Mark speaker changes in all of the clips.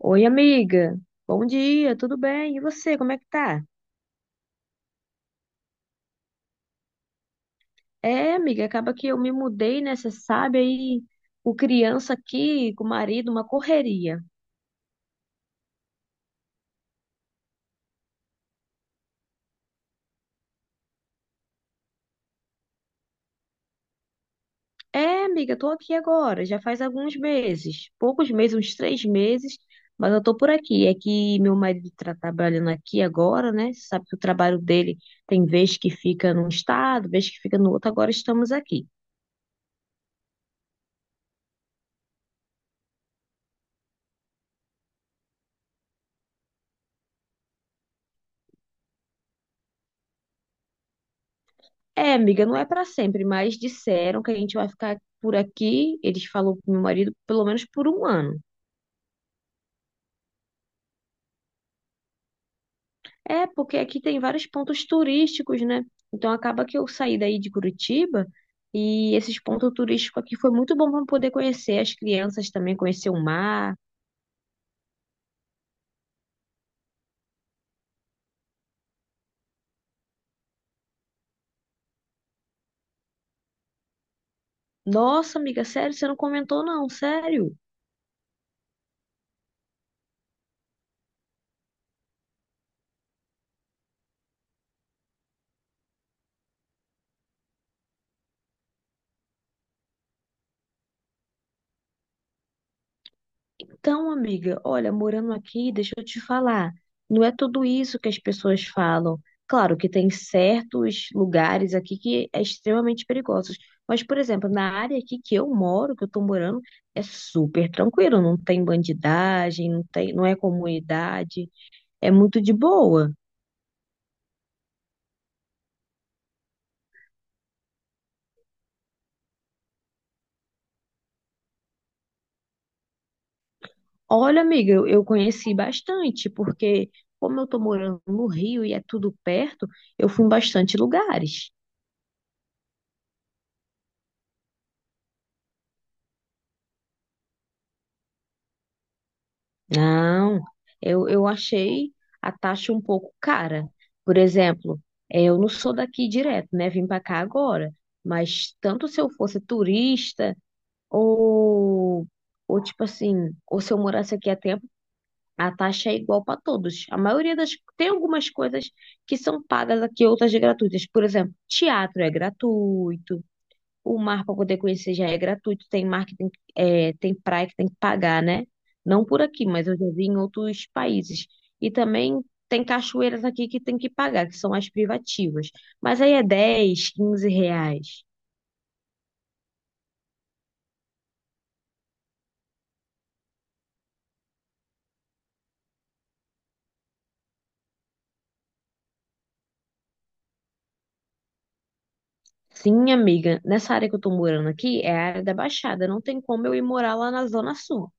Speaker 1: Oi, amiga. Bom dia, tudo bem? E você, como é que tá? É, amiga, acaba que eu me mudei, né? Você sabe aí, o criança aqui com o marido, uma correria. É, amiga, tô aqui agora, já faz alguns meses, poucos meses, uns 3 meses, mas eu tô por aqui. É que meu marido tá trabalhando aqui agora, né? Você sabe que o trabalho dele tem vez que fica num estado, vez que fica no outro, agora estamos aqui. É, amiga, não é pra sempre, mas disseram que a gente vai ficar por aqui, eles falou pro meu marido, pelo menos por um ano. É, porque aqui tem vários pontos turísticos, né? Então acaba que eu saí daí de Curitiba e esses pontos turísticos aqui foi muito bom para poder conhecer as crianças também, conhecer o mar. Nossa, amiga, sério, você não comentou não, sério? Então, amiga, olha, morando aqui, deixa eu te falar, não é tudo isso que as pessoas falam. Claro que tem certos lugares aqui que é extremamente perigosos, mas, por exemplo, na área aqui que eu moro, que eu tô morando, é super tranquilo, não tem bandidagem, não tem, não é comunidade, é muito de boa. Olha, amiga, eu conheci bastante, porque como eu tô morando no Rio e é tudo perto, eu fui em bastante lugares. Não, eu achei a taxa um pouco cara. Por exemplo, eu não sou daqui direto, né? Vim para cá agora. Mas tanto se eu fosse turista ou, ou tipo assim, ou se eu morasse aqui há tempo, a taxa é igual para todos. A maioria das... Tem algumas coisas que são pagas aqui, outras de gratuitas. Por exemplo, teatro é gratuito, o mar para poder conhecer já é gratuito, tem mar que tem, é, tem praia que tem que pagar, né? Não por aqui, mas eu já vi em outros países. E também tem cachoeiras aqui que tem que pagar, que são as privativas. Mas aí é 10, 15 reais. Sim, amiga, nessa área que eu tô morando aqui é a área da Baixada, não tem como eu ir morar lá na Zona Sul.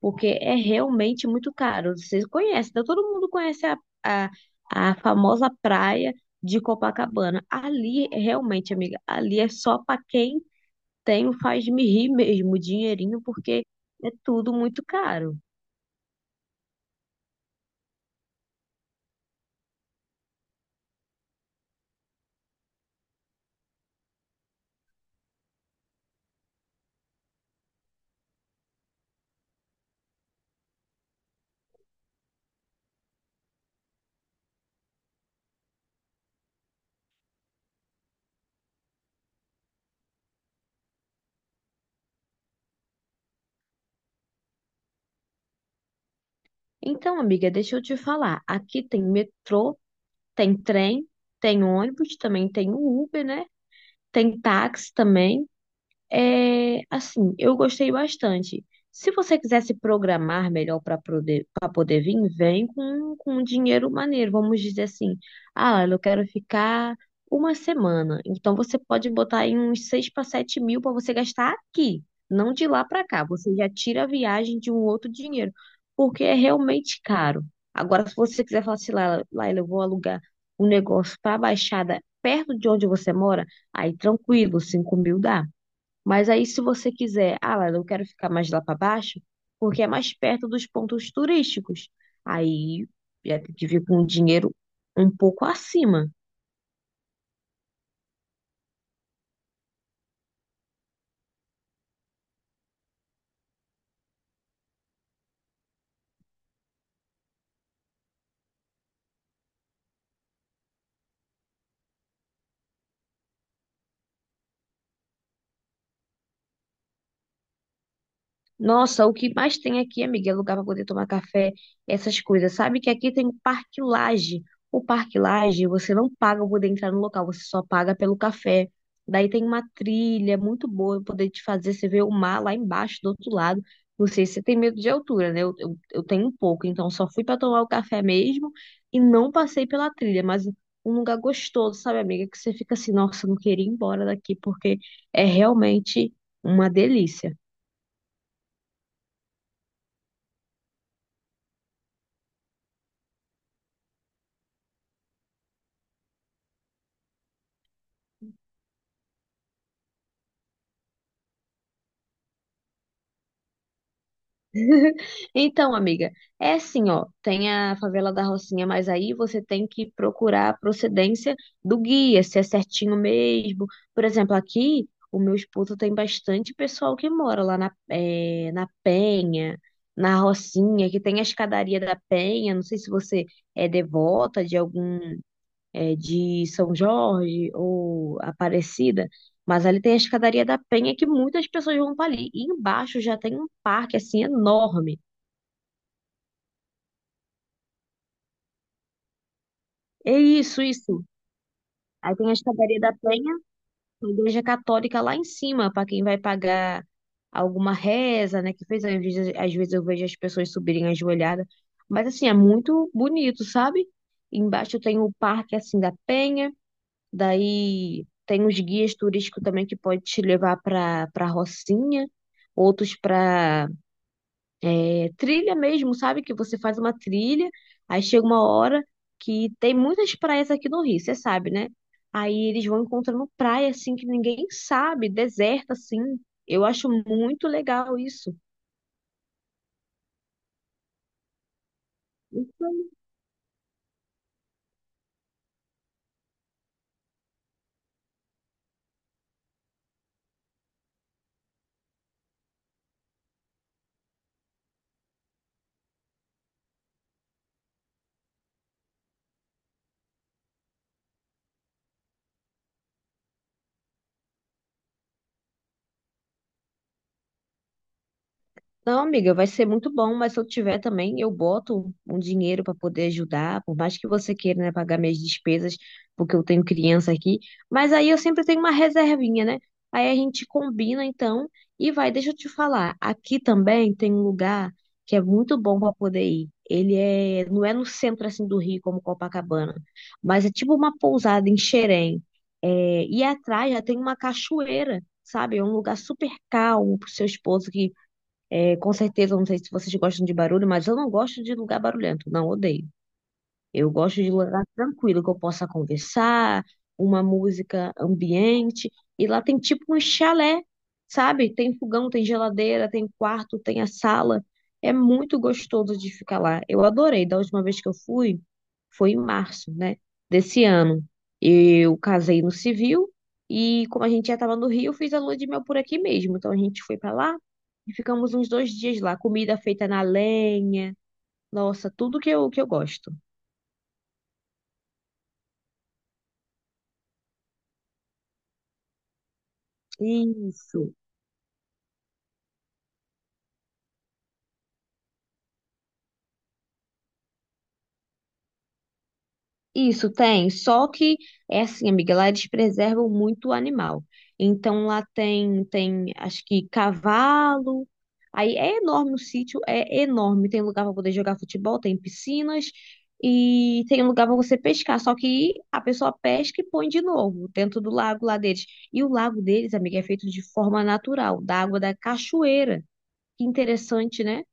Speaker 1: Porque é realmente muito caro. Vocês conhecem, então todo mundo conhece a, a famosa praia de Copacabana. Ali, realmente, amiga, ali é só para quem tem o faz-me rir mesmo, o dinheirinho, porque é tudo muito caro. Então, amiga, deixa eu te falar. Aqui tem metrô, tem trem, tem ônibus, também tem o Uber, né? Tem táxi também. É, assim, eu gostei bastante. Se você quiser se programar melhor para poder vir, vem com um dinheiro maneiro. Vamos dizer assim, ah, eu quero ficar uma semana. Então você pode botar aí uns 6 para 7 mil para você gastar aqui, não de lá para cá. Você já tira a viagem de um outro dinheiro, porque é realmente caro. Agora, se você quiser falar assim, Laila, eu vou alugar um negócio para a Baixada perto de onde você mora, aí tranquilo, 5 mil dá. Mas aí, se você quiser, ah, lá, eu quero ficar mais lá para baixo, porque é mais perto dos pontos turísticos. Aí, já tem que vir com o dinheiro um pouco acima. Nossa, o que mais tem aqui, amiga, é lugar para poder tomar café, essas coisas. Sabe que aqui tem o Parque Lage. O Parque Lage, você não paga para poder entrar no local, você só paga pelo café. Daí tem uma trilha muito boa pra poder te fazer você ver o mar lá embaixo, do outro lado. Não sei se você tem medo de altura, né? Eu tenho um pouco, então só fui para tomar o café mesmo e não passei pela trilha, mas um lugar gostoso, sabe, amiga, que você fica assim, nossa, eu não queria ir embora daqui porque é realmente uma delícia. Então, amiga, é assim, ó, tem a favela da Rocinha, mas aí você tem que procurar a procedência do guia, se é certinho mesmo. Por exemplo, aqui, o meu esposo tem bastante pessoal que mora lá na, na Penha, na Rocinha, que tem a escadaria da Penha. Não sei se você é devota de algum, de São Jorge ou Aparecida, mas ali tem a escadaria da Penha que muitas pessoas vão para ali. E embaixo já tem um parque, assim, enorme. É isso, isso. Aí tem a Escadaria da Penha, a igreja católica lá em cima, para quem vai pagar alguma reza, né? Que fez, às vezes eu vejo as pessoas subirem ajoelhadas. Mas assim, é muito bonito, sabe? Embaixo tem o Parque assim da Penha, daí tem os guias turísticos também que pode te levar para Rocinha, outros para trilha mesmo, sabe? Que você faz uma trilha, aí chega uma hora que tem muitas praias aqui no Rio, você sabe, né? Aí eles vão encontrando praia assim que ninguém sabe, deserta assim. Eu acho muito legal isso. Não, amiga, vai ser muito bom, mas se eu tiver também, eu boto um dinheiro para poder ajudar, por mais que você queira, né, pagar minhas despesas, porque eu tenho criança aqui, mas aí eu sempre tenho uma reservinha, né? Aí a gente combina então e vai, deixa eu te falar, aqui também tem um lugar que é muito bom para poder ir. Ele é, não é no centro assim do Rio como Copacabana, mas é tipo uma pousada em Xerém. É, e atrás já tem uma cachoeira, sabe? É um lugar super calmo para o seu esposo que é, com certeza, não sei se vocês gostam de barulho, mas eu não gosto de lugar barulhento, não, odeio. Eu gosto de lugar tranquilo, que eu possa conversar, uma música ambiente. E lá tem tipo um chalé, sabe? Tem fogão, tem geladeira, tem quarto, tem a sala. É muito gostoso de ficar lá. Eu adorei. Da última vez que eu fui, foi em março, né? Desse ano. Eu casei no civil e, como a gente já estava no Rio, eu fiz a lua de mel por aqui mesmo. Então a gente foi para lá e ficamos uns 2 dias lá. Comida feita na lenha. Nossa, tudo que eu gosto. Isso, isso tem. Só que é assim, amiga, lá eles preservam muito o animal. Então lá tem, acho que cavalo. Aí é enorme o sítio, é enorme. Tem lugar para poder jogar futebol, tem piscinas e tem um lugar para você pescar. Só que a pessoa pesca e põe de novo dentro do lago lá deles. E o lago deles, amiga, é feito de forma natural, da água da cachoeira. Que interessante, né?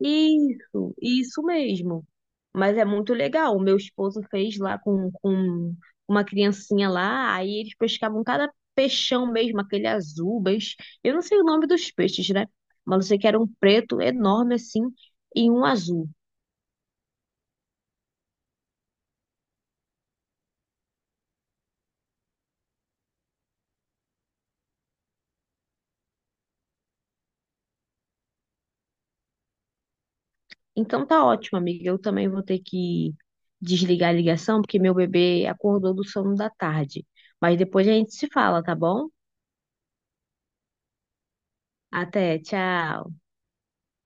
Speaker 1: Isso mesmo. Mas é muito legal. O meu esposo fez lá com uma criancinha lá, aí eles pescavam cada peixão mesmo, aquele azul, mas eu não sei o nome dos peixes, né? Mas eu sei que era um preto enorme assim e um azul. Então tá ótimo, amiga. Eu também vou ter que desligar a ligação, porque meu bebê acordou do sono da tarde. Mas depois a gente se fala, tá bom? Até, tchau.